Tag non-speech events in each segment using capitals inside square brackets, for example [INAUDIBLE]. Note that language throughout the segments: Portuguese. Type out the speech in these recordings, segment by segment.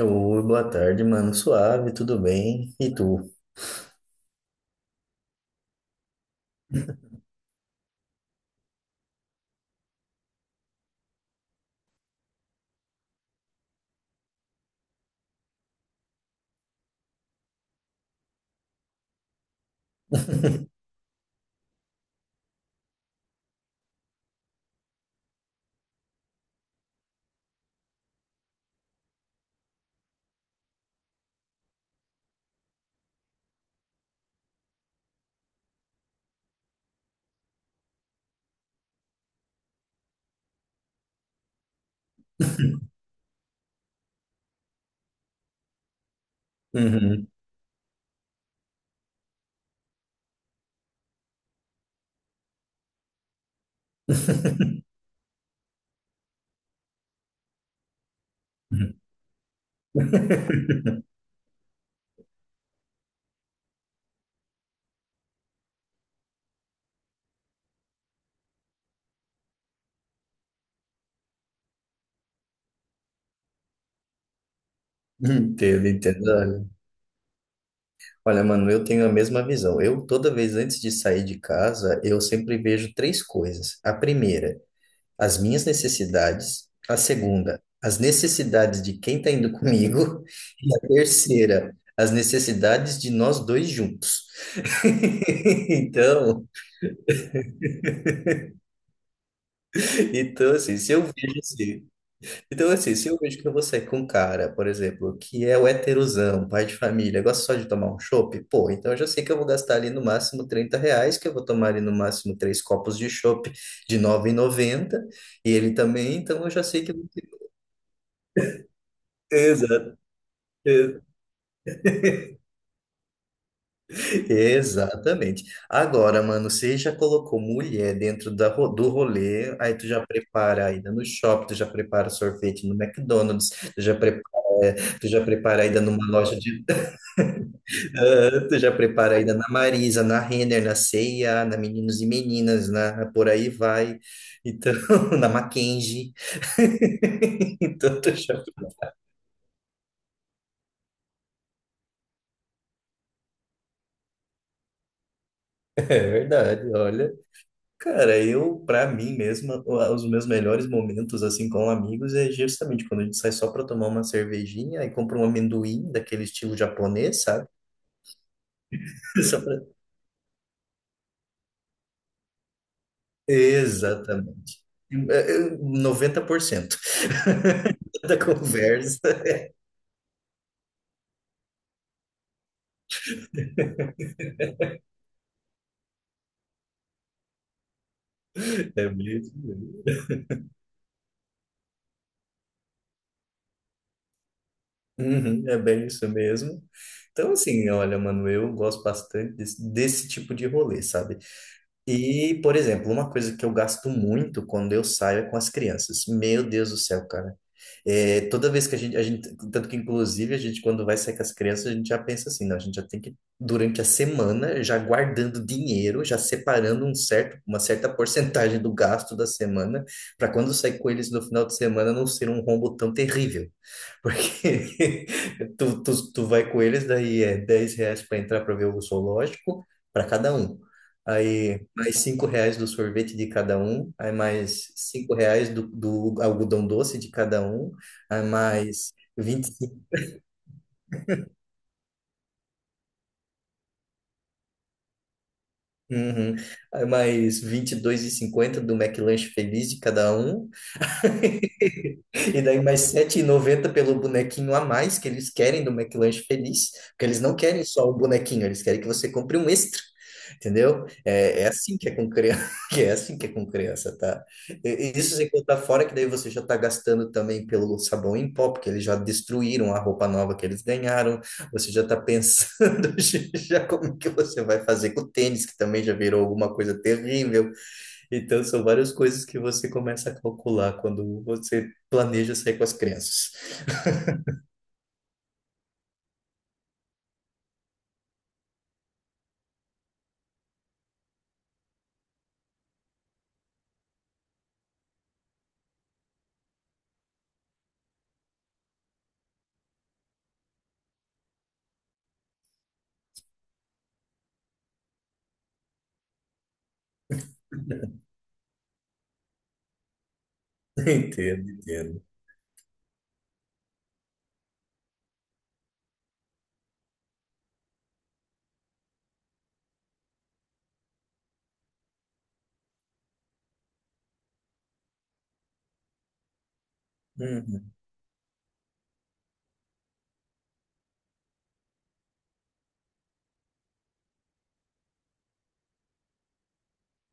Oi, boa tarde, mano. Suave, tudo bem? E tu? [LAUGHS] Uhum. Entendo, entendo. Olha, olha, mano, eu tenho a mesma visão. Eu, toda vez antes de sair de casa, eu sempre vejo três coisas. A primeira, as minhas necessidades. A segunda, as necessidades de quem tá indo comigo. E a terceira, as necessidades de nós dois juntos. [LAUGHS] Então, então, assim, se eu vejo assim, então, assim, se eu vejo que você é com um cara, por exemplo, que é o heterosão, pai de família, gosta só de tomar um chopp, pô, então eu já sei que eu vou gastar ali no máximo R$ 30, que eu vou tomar ali no máximo três copos de chopp de 9,90 e ele também, então eu já sei que... Exato. [LAUGHS] Exatamente. Agora, mano, você já colocou mulher dentro do rolê, aí tu já prepara a ida no shopping, tu já prepara sorvete no McDonald's, tu já prepara a ida numa loja de. Ah, tu já prepara ainda na Marisa, na Renner, na C&A, na Meninos e Meninas, na por aí vai. Então, [LAUGHS] na Mackenzie. [LAUGHS] Então, tu já... [LAUGHS] É verdade, olha. Cara, eu, pra mim mesmo, os meus melhores momentos, assim, com amigos é justamente quando a gente sai só pra tomar uma cervejinha e compra um amendoim daquele estilo japonês, sabe? [LAUGHS] Só pra- Exatamente. É, é, 90% [LAUGHS] da conversa é mesmo. Uhum, é bem isso mesmo. Então, assim, olha, mano, eu gosto bastante desse tipo de rolê, sabe? E, por exemplo, uma coisa que eu gasto muito quando eu saio é com as crianças. Meu Deus do céu, cara. É, toda vez que a gente, tanto que, inclusive, a gente, quando vai sair com as crianças, a gente já pensa assim, não, a gente já tem que, durante a semana, já guardando dinheiro, já separando um certo, uma certa [LAUGHS] porcentagem do gasto da semana, para quando sair com eles no final de semana não ser um rombo tão terrível. Porque [LAUGHS] tu vai com eles, daí é R$ 10 para entrar para ver o zoológico, para cada um. Aí mais R$ 5 do sorvete de cada um, aí mais 5 reais do algodão doce de cada um, aí mais vinte. Uhum. Aí mais 22,50 do McLanche Feliz de cada um. E daí mais 7,90 pelo bonequinho a mais que eles querem do McLanche Feliz, porque eles não querem só o bonequinho, eles querem que você compre um extra. Entendeu? É, é assim que é com criança, [LAUGHS] que é assim que é com criança, tá? Isso sem contar fora que daí você já tá gastando também pelo sabão em pó, porque eles já destruíram a roupa nova que eles ganharam. Você já tá pensando [LAUGHS] já como que você vai fazer com o tênis, que também já virou alguma coisa terrível. Então, são várias coisas que você começa a calcular quando você planeja sair com as crianças. [LAUGHS] Entendo, entendo. Uhum,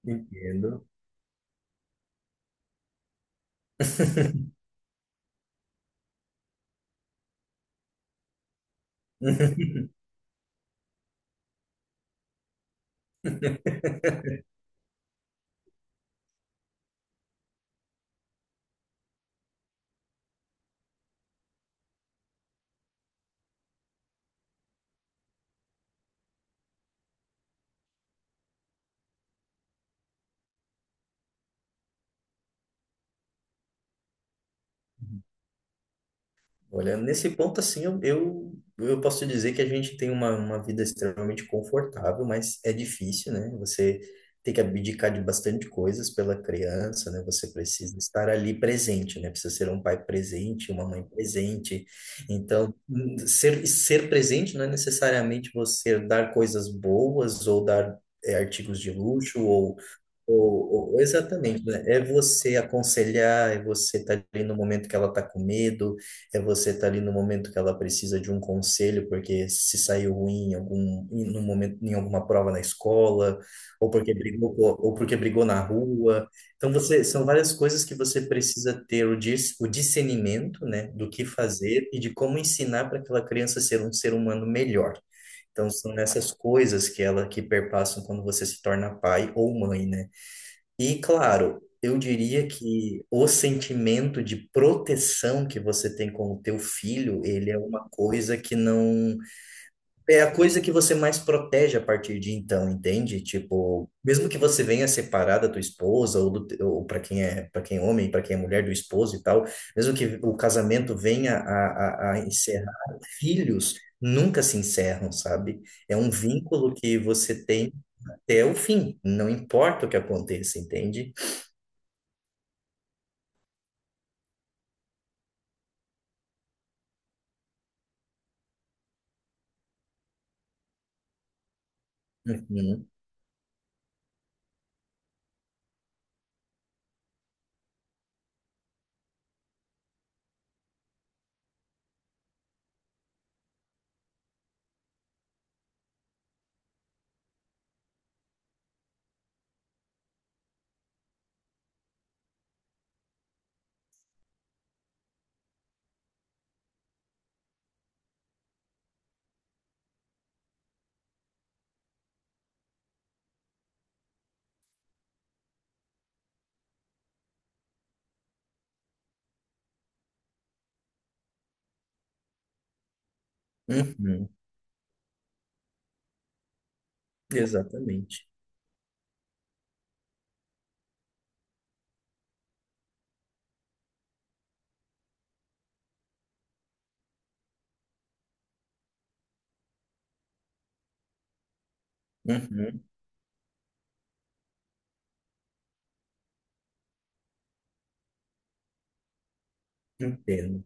entendo. [LAUGHS] Olha, nesse ponto, assim, eu, eu posso te dizer que a gente tem uma vida extremamente confortável, mas é difícil, né? Você tem que abdicar de bastante coisas pela criança, né? Você precisa estar ali presente, né? Precisa ser um pai presente, uma mãe presente. Então, ser presente não é necessariamente você dar coisas boas ou dar artigos de luxo ou exatamente, né? É você aconselhar, é você estar ali no momento que ela está com medo, é você estar ali no momento que ela precisa de um conselho, porque se saiu ruim em algum, em, num momento, em alguma prova na escola, ou porque brigou, ou porque brigou na rua. Então, você, são várias coisas que você precisa ter o discernimento, né, do que fazer e de como ensinar para aquela criança ser um ser humano melhor. Então, são essas coisas que ela que perpassam quando você se torna pai ou mãe, né? E claro, eu diria que o sentimento de proteção que você tem com o teu filho, ele é uma coisa que não é a coisa que você mais protege a partir de então, entende? Tipo, mesmo que você venha separar da tua esposa ou, ou para quem é homem, para quem é mulher do esposo e tal, mesmo que o casamento venha a encerrar, filhos nunca se encerram, sabe? É um vínculo que você tem até o fim, não importa o que aconteça, entende? Uhum, uhum, exatamente. Uhum, entendo.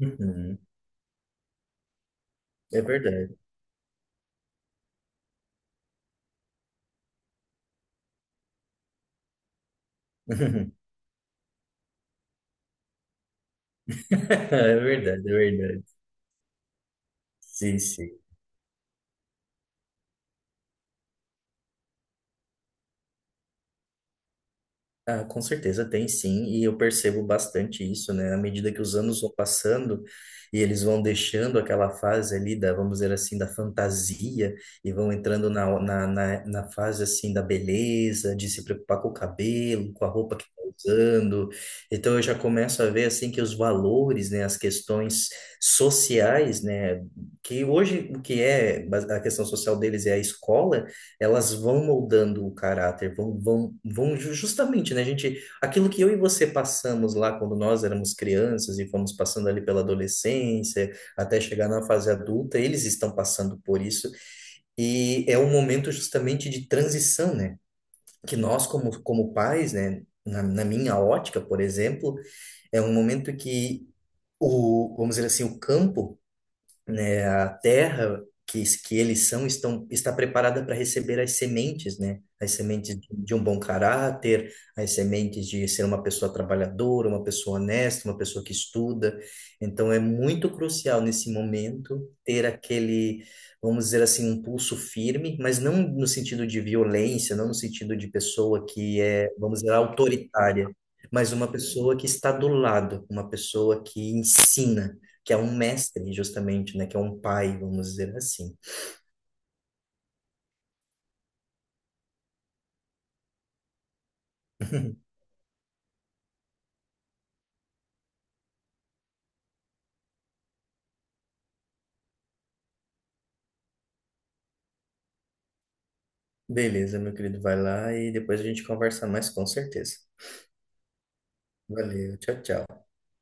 Uhum, é verdade. [LAUGHS] É verdade, é verdade. Sim, sim. Ah, com certeza tem sim, e eu percebo bastante isso, né? À medida que os anos vão passando e eles vão deixando aquela fase ali da, vamos dizer assim, da fantasia e vão entrando na fase assim da beleza, de se preocupar com o cabelo, com a roupa que tá usando. Então eu já começo a ver assim que os valores, né, as questões sociais, né, que hoje o que é a questão social deles é a escola, elas vão moldando o caráter, justamente, né, gente, aquilo que eu e você passamos lá quando nós éramos crianças e fomos passando ali pela adolescência, até chegar na fase adulta, eles estão passando por isso e é um momento justamente de transição, né, que nós como, pais, né, na minha ótica, por exemplo, é um momento que o, vamos dizer assim, o campo, né, a terra que eles são estão, está preparada para receber as sementes, né? As sementes de um bom caráter, as sementes de ser uma pessoa trabalhadora, uma pessoa honesta, uma pessoa que estuda. Então é muito crucial nesse momento ter aquele, vamos dizer assim, um pulso firme, mas não no sentido de violência, não no sentido de pessoa que é, vamos dizer, autoritária, mas uma pessoa que está do lado, uma pessoa que ensina, que é um mestre, justamente, né? Que é um pai, vamos dizer assim. Beleza, meu querido, vai lá e depois a gente conversa mais, com certeza. Valeu, tchau, tchau.